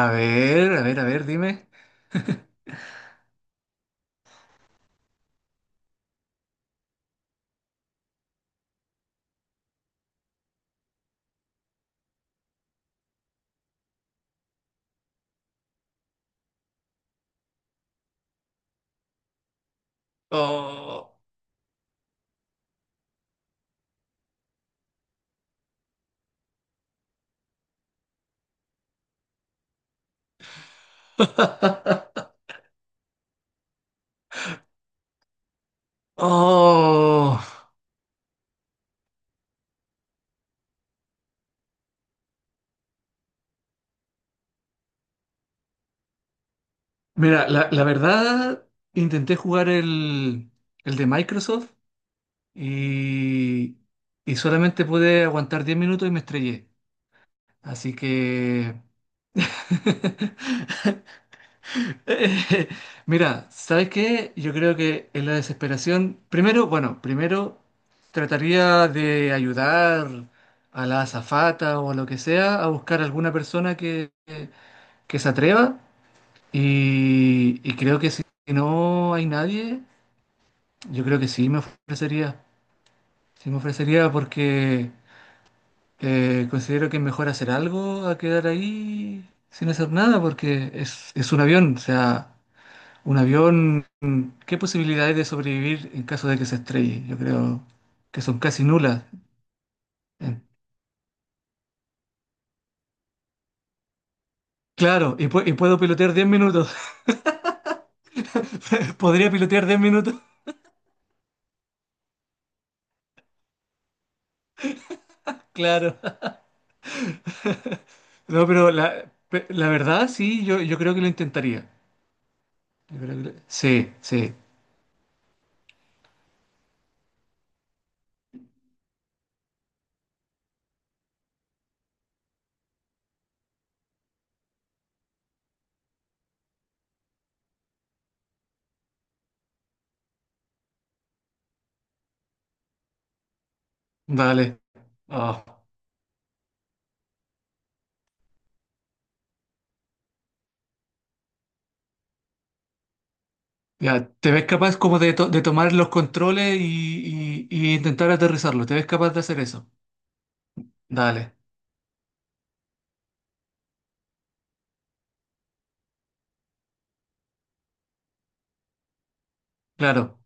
A ver, a ver, a ver, dime. Oh. Oh. Mira, la verdad, intenté jugar el de Microsoft y, y solamente pude aguantar 10 minutos y me estrellé. Así que Eh, Mira, ¿sabes qué? Yo creo que en la desesperación, primero, bueno, primero trataría de ayudar a la azafata o a lo que sea a buscar alguna persona que se atreva y creo que si no hay nadie, yo creo que sí me ofrecería porque considero que es mejor hacer algo a quedar ahí sin hacer nada porque es un avión, o sea... Un avión, ¿qué posibilidades de sobrevivir en caso de que se estrelle? Yo creo que son casi nulas. Eh, Claro, y puedo pilotear 10 minutos. ¿Podría pilotear 10 minutos? Claro. No, pero la verdad sí, yo creo que lo intentaría. Yo creo que lo- Sí, sí. Vale. Oh, ya, ¿te ves capaz como de, de tomar los controles y intentar aterrizarlo? ¿Te ves capaz de hacer eso? Dale, claro.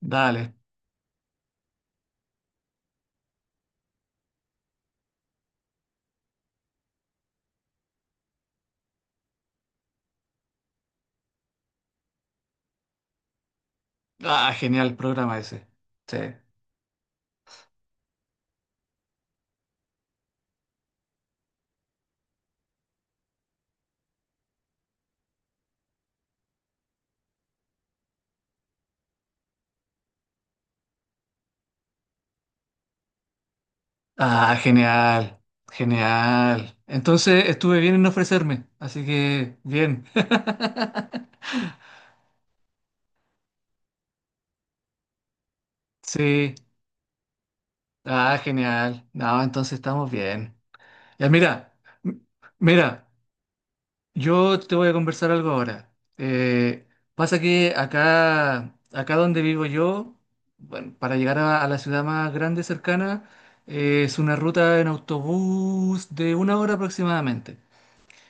Dale. Ah, genial programa ese. Sí. Ah, genial, genial. Entonces estuve bien en no ofrecerme, así que bien. Sí, ah, genial. No, entonces estamos bien. Ya, mira, m- mira, yo te voy a conversar algo ahora. Pasa que acá donde vivo yo, bueno, para llegar a la ciudad más grande cercana, es una ruta en autobús de una hora aproximadamente.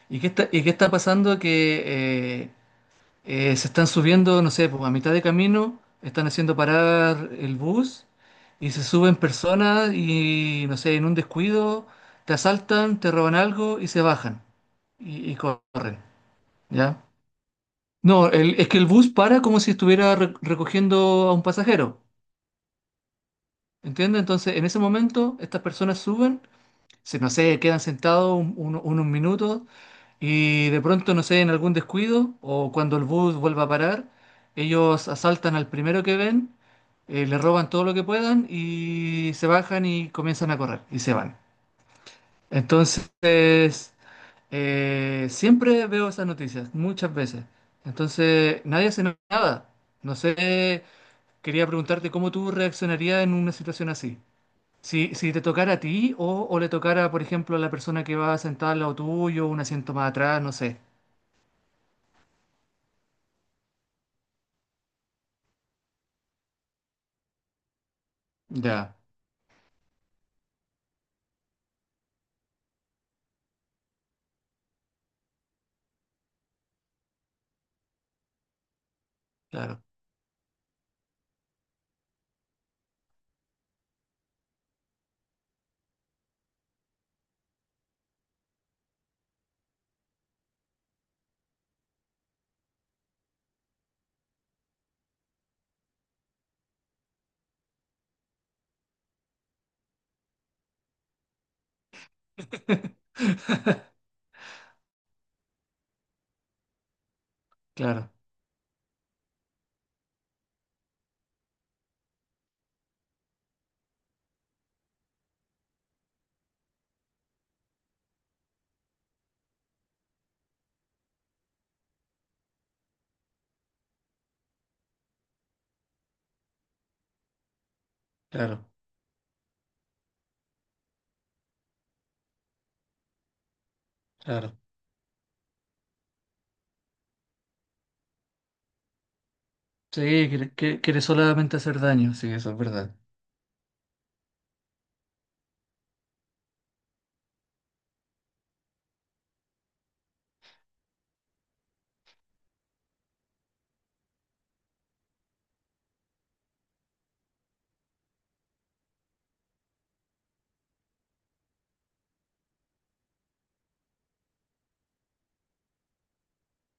¿Y y qué está pasando? Que eh, se están subiendo, no sé, pues, a mitad de camino, están haciendo parar el bus y se suben personas y, no sé, en un descuido te asaltan, te roban algo y se bajan y corren, ¿ya? No, es que el bus para como si estuviera recogiendo a un pasajero, ¿entiendes? Entonces, en ese momento, estas personas suben no sé, quedan sentados unos minutos y de pronto, no sé, en algún descuido o cuando el bus vuelva a parar, ellos asaltan al primero que ven, le roban todo lo que puedan y se bajan y comienzan a correr y se van. Entonces, siempre veo esas noticias, muchas veces. Entonces, nadie hace nada. No sé, quería preguntarte cómo tú reaccionarías en una situación así. Si te tocara a ti o le tocara, por ejemplo, a la persona que va sentada al lado tuyo, un asiento más atrás, no sé. Ya, claro. Claro, claro, claro. Sí, quiere solamente hacer daño, sí, eso es verdad.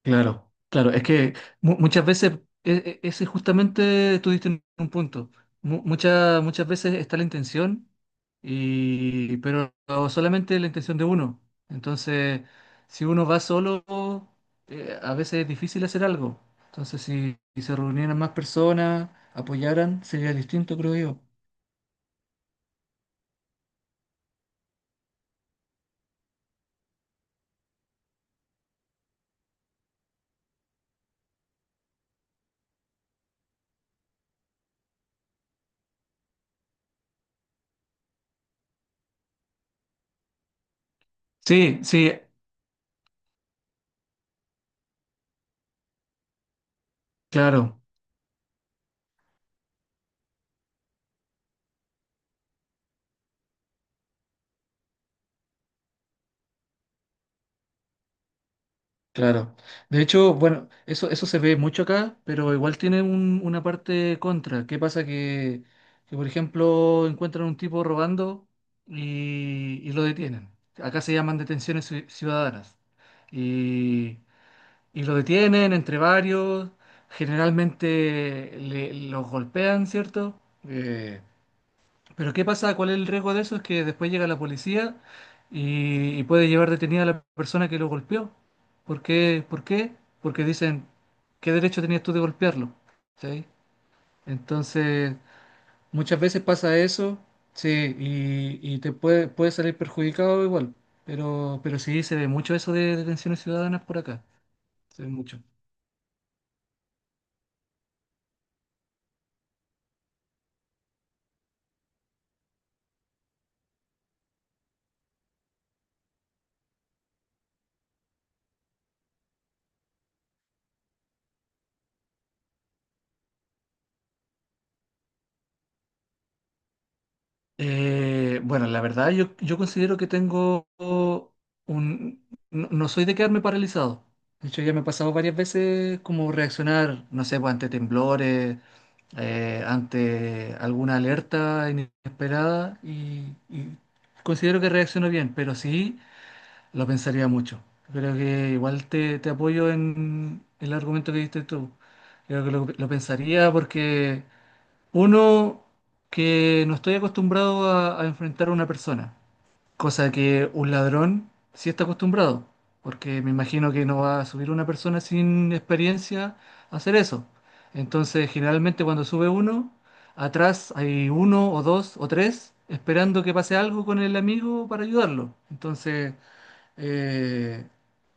Claro, claro, es que muchas veces, ese justamente tú diste en un punto. Muchas muchas veces está la intención, pero solamente la intención de uno. Entonces, si uno va solo, a veces es difícil hacer algo. Entonces, si se reunieran más personas, apoyaran, sería distinto, creo yo. Sí, sí, claro. Claro. De hecho, bueno, eso se ve mucho acá, pero igual tiene una parte contra. ¿Qué pasa? Que, por ejemplo, encuentran un tipo robando y lo detienen. Acá se llaman detenciones ciudadanas. Y, y lo detienen entre varios. Generalmente los golpean, ¿cierto? Eh, pero ¿qué pasa? ¿Cuál es el riesgo de eso? Es que después llega la policía y puede llevar detenida a la persona que lo golpeó. ¿Por qué? ¿Por qué? Porque dicen, ¿qué derecho tenías tú de golpearlo? ¿Sí? Entonces, muchas veces pasa eso, sí, y te puede salir perjudicado igual. Pero sí, se ve mucho eso de detenciones ciudadanas por acá. Se ve mucho. Bueno, la verdad yo considero que tengo un... No, no soy de quedarme paralizado. De hecho, ya me ha pasado varias veces como reaccionar, no sé, pues, ante temblores, ante alguna alerta inesperada y considero que reacciono bien, pero sí lo pensaría mucho. Creo que igual te apoyo en el argumento que diste tú. Creo que lo pensaría porque... Uno, que no estoy acostumbrado a enfrentar a una persona, cosa que un ladrón sí está acostumbrado, porque me imagino que no va a subir una persona sin experiencia a hacer eso. Entonces, generalmente cuando sube uno, atrás hay uno o dos o tres esperando que pase algo con el amigo para ayudarlo. Entonces, eh,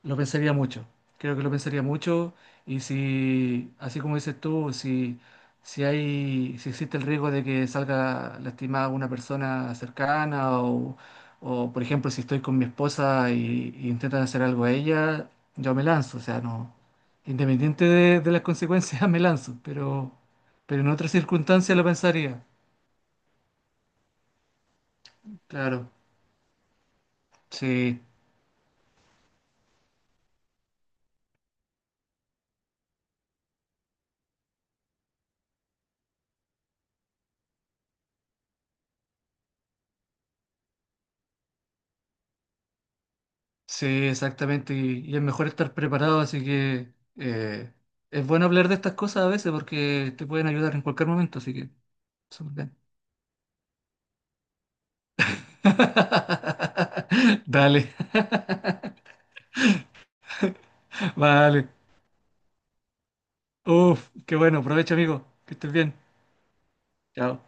lo pensaría mucho. Creo que lo pensaría mucho y si, así como dices tú, si hay, si existe el riesgo de que salga lastimada una persona cercana o, por ejemplo, si estoy con mi esposa y intentan hacer algo a ella, yo me lanzo. O sea, no, independiente de las consecuencias, me lanzo, pero en otras circunstancias lo pensaría. Claro, sí. Sí, exactamente. Y es mejor estar preparado, así que es bueno hablar de estas cosas a veces porque te pueden ayudar en cualquier momento, así que súper bien. Dale. Vale. Uf, qué bueno. Aprovecha, amigo. Que estés bien. Chao.